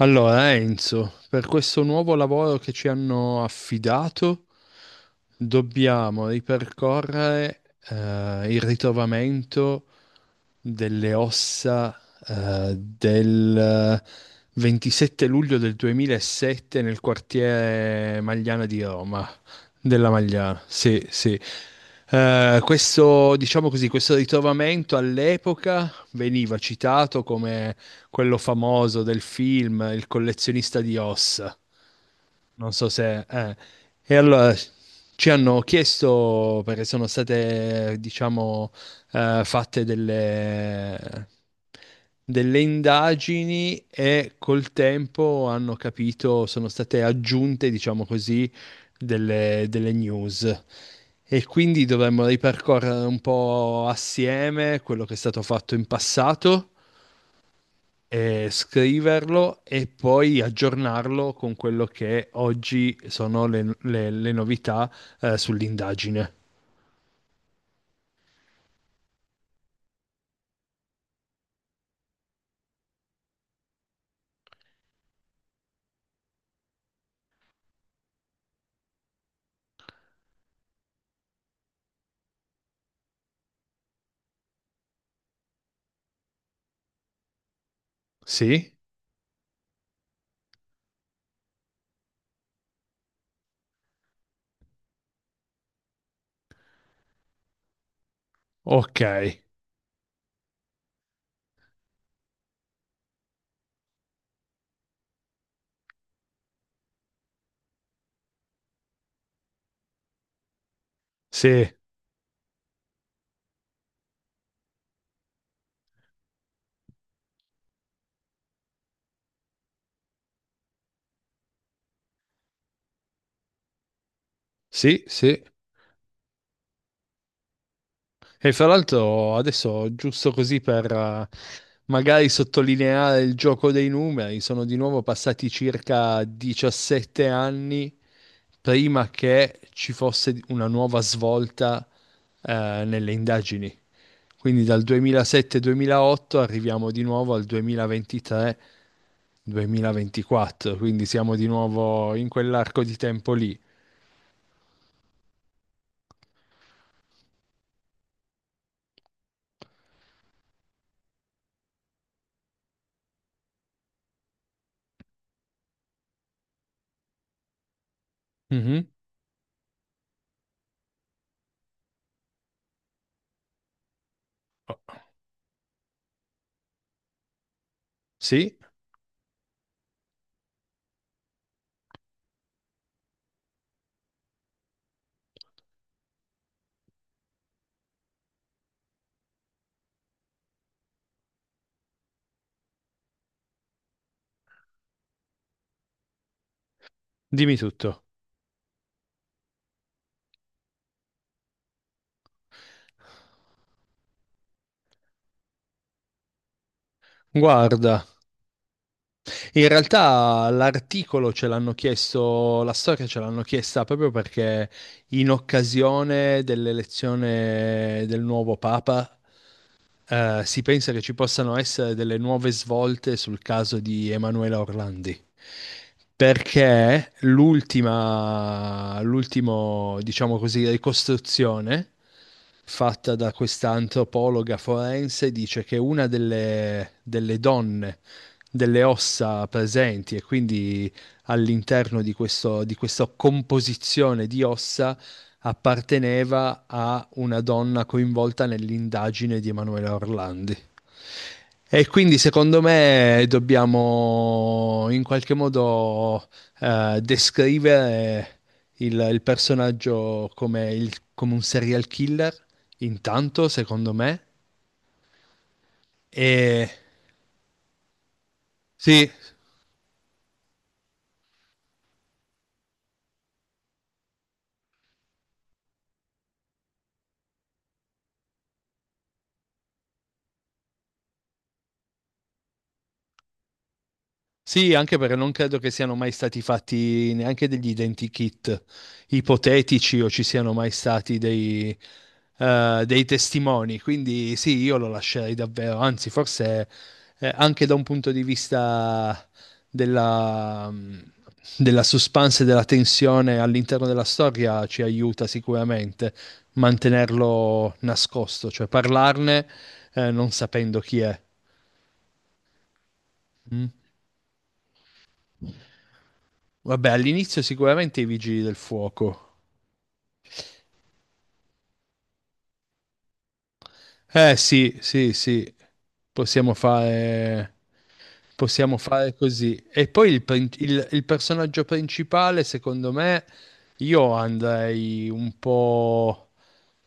Allora, Enzo, per questo nuovo lavoro che ci hanno affidato, dobbiamo ripercorrere il ritrovamento delle ossa del 27 luglio del 2007 nel quartiere Magliana di Roma. Della Magliana, sì, sì. Questo, diciamo così, questo ritrovamento all'epoca veniva citato come quello famoso del film Il collezionista di ossa. Non so se... E allora ci hanno chiesto, perché sono state, diciamo, fatte delle indagini e col tempo hanno capito, sono state aggiunte, diciamo così, delle news. E quindi dovremmo ripercorrere un po' assieme quello che è stato fatto in passato, scriverlo e poi aggiornarlo con quello che oggi sono le novità sull'indagine. Sì? Ok. Sì, sì, sì. E fra l'altro adesso, giusto così per magari sottolineare il gioco dei numeri, sono di nuovo passati circa 17 anni prima che ci fosse una nuova svolta nelle indagini. Quindi dal 2007-2008 arriviamo di nuovo al 2023-2024, quindi siamo di nuovo in quell'arco di tempo lì. Mhm. Sì, dimmi tutto. Guarda, in realtà l'articolo ce l'hanno chiesto, la storia ce l'hanno chiesta proprio perché in occasione dell'elezione del nuovo Papa si pensa che ci possano essere delle nuove svolte sul caso di Emanuela Orlandi. Perché l'ultima, l'ultimo, diciamo così, ricostruzione fatta da questa antropologa forense dice che una delle donne, delle ossa presenti e quindi all'interno di questo, di questa composizione di ossa apparteneva a una donna coinvolta nell'indagine di Emanuela Orlandi. E quindi secondo me dobbiamo in qualche modo descrivere il personaggio come, come un serial killer, intanto, secondo me. E sì, sì, anche perché non credo che siano mai stati fatti neanche degli identikit ipotetici o ci siano mai stati dei testimoni, quindi sì, io lo lascerei davvero, anzi forse anche da un punto di vista della, della suspense e della tensione all'interno della storia ci aiuta sicuramente mantenerlo nascosto, cioè parlarne non sapendo chi è. Mm. Vabbè, all'inizio sicuramente i vigili del fuoco. Eh sì, sì, sì, possiamo fare, possiamo fare così. E poi il personaggio principale, secondo me, io andrei un po',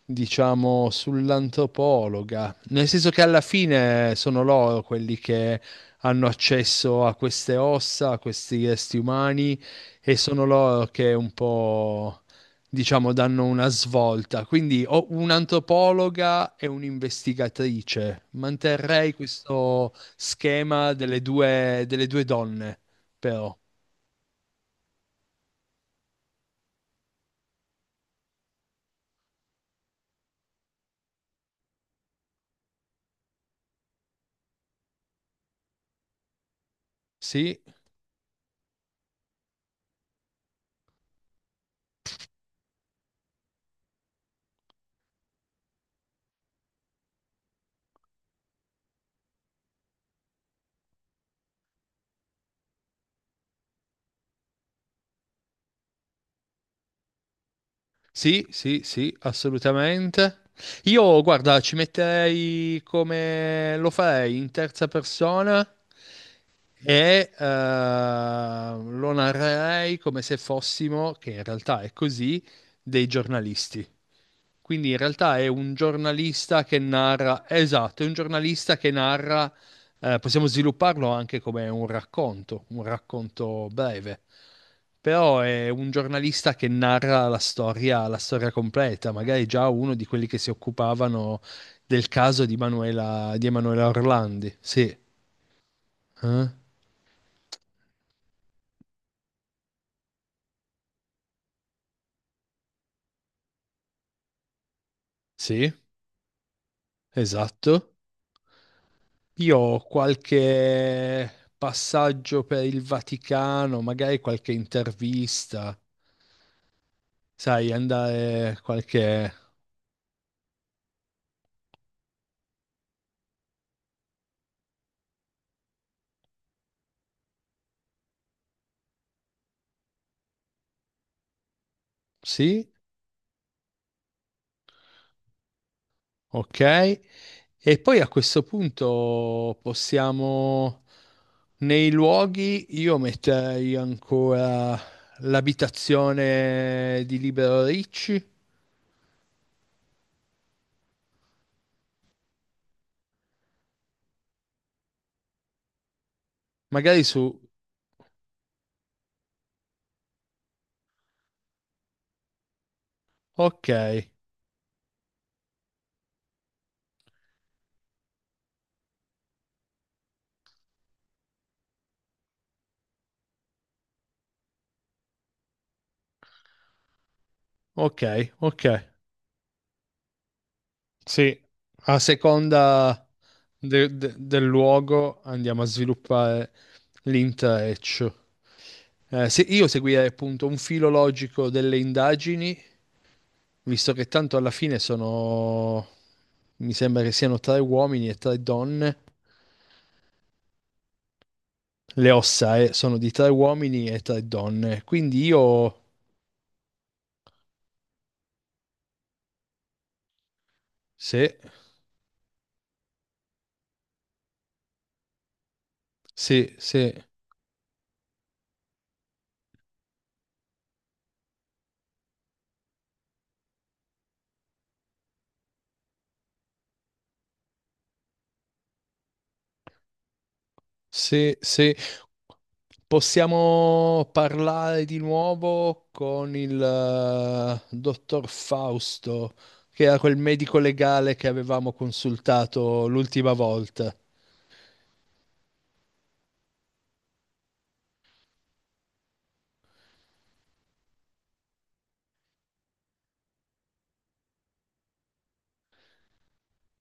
diciamo, sull'antropologa, nel senso che alla fine sono loro quelli che hanno accesso a queste ossa, a questi resti umani, e sono loro che un po', diciamo, danno una svolta. Quindi ho un'antropologa e un'investigatrice. Manterrei questo schema delle due donne, però. Sì, sì, sì, sì, assolutamente. Io, guarda, ci metterei, come lo farei in terza persona e lo narrerei come se fossimo, che in realtà è così, dei giornalisti. Quindi in realtà è un giornalista che narra, esatto, è un giornalista che narra, possiamo svilupparlo anche come un racconto breve, però è un giornalista che narra la storia completa, magari già uno di quelli che si occupavano del caso di Manuela, di Emanuela Orlandi. Sì, eh? Sì, esatto. Io ho qualche passaggio per il Vaticano, magari qualche intervista, sai, andare qualche... Sì, ok. E poi a questo punto possiamo... Nei luoghi io metterei ancora l'abitazione di Libero Ricci, magari su... Ok, ok, ok. Sì, a seconda del luogo andiamo a sviluppare l'intreccio. Se io seguirei appunto un filo logico delle indagini, visto che tanto alla fine sono, mi sembra che siano 3 uomini e 3 donne, le ossa sono di 3 uomini e 3 donne, quindi io, se, se sì, sì. Possiamo parlare di nuovo con il dottor Fausto, che era quel medico legale che avevamo consultato l'ultima volta.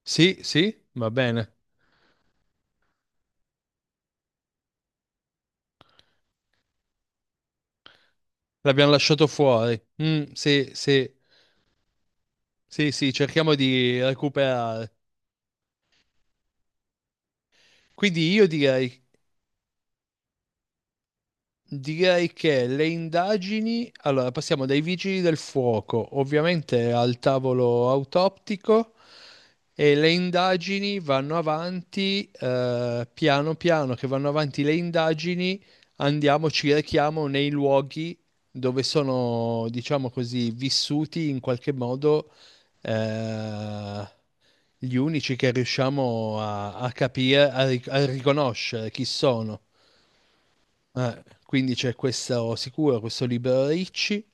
Sì, sì, va bene. L'abbiamo lasciato fuori. Mm, sì, sì, sì, sì, cerchiamo di recuperare. Quindi io direi, direi che le indagini, allora passiamo dai vigili del fuoco, ovviamente al tavolo autoptico e le indagini vanno avanti, piano piano che vanno avanti le indagini, andiamo, ci rechiamo nei luoghi dove sono, diciamo così, vissuti in qualche modo, eh, gli unici che riusciamo a, a capire, a riconoscere chi sono. Quindi c'è questo sicuro, questo Libero Ricci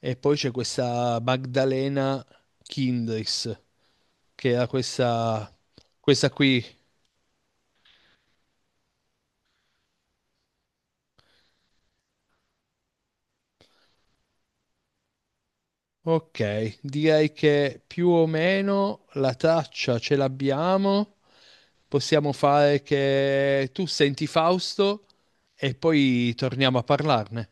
e poi c'è questa Magdalena Kindris, che era questa, questa qui. Ok, direi che più o meno la traccia ce l'abbiamo. Possiamo fare che tu senti Fausto e poi torniamo a parlarne.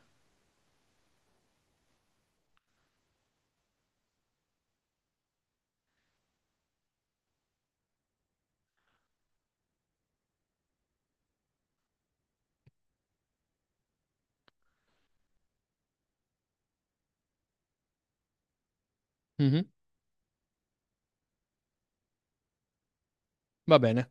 Mhm. Va bene.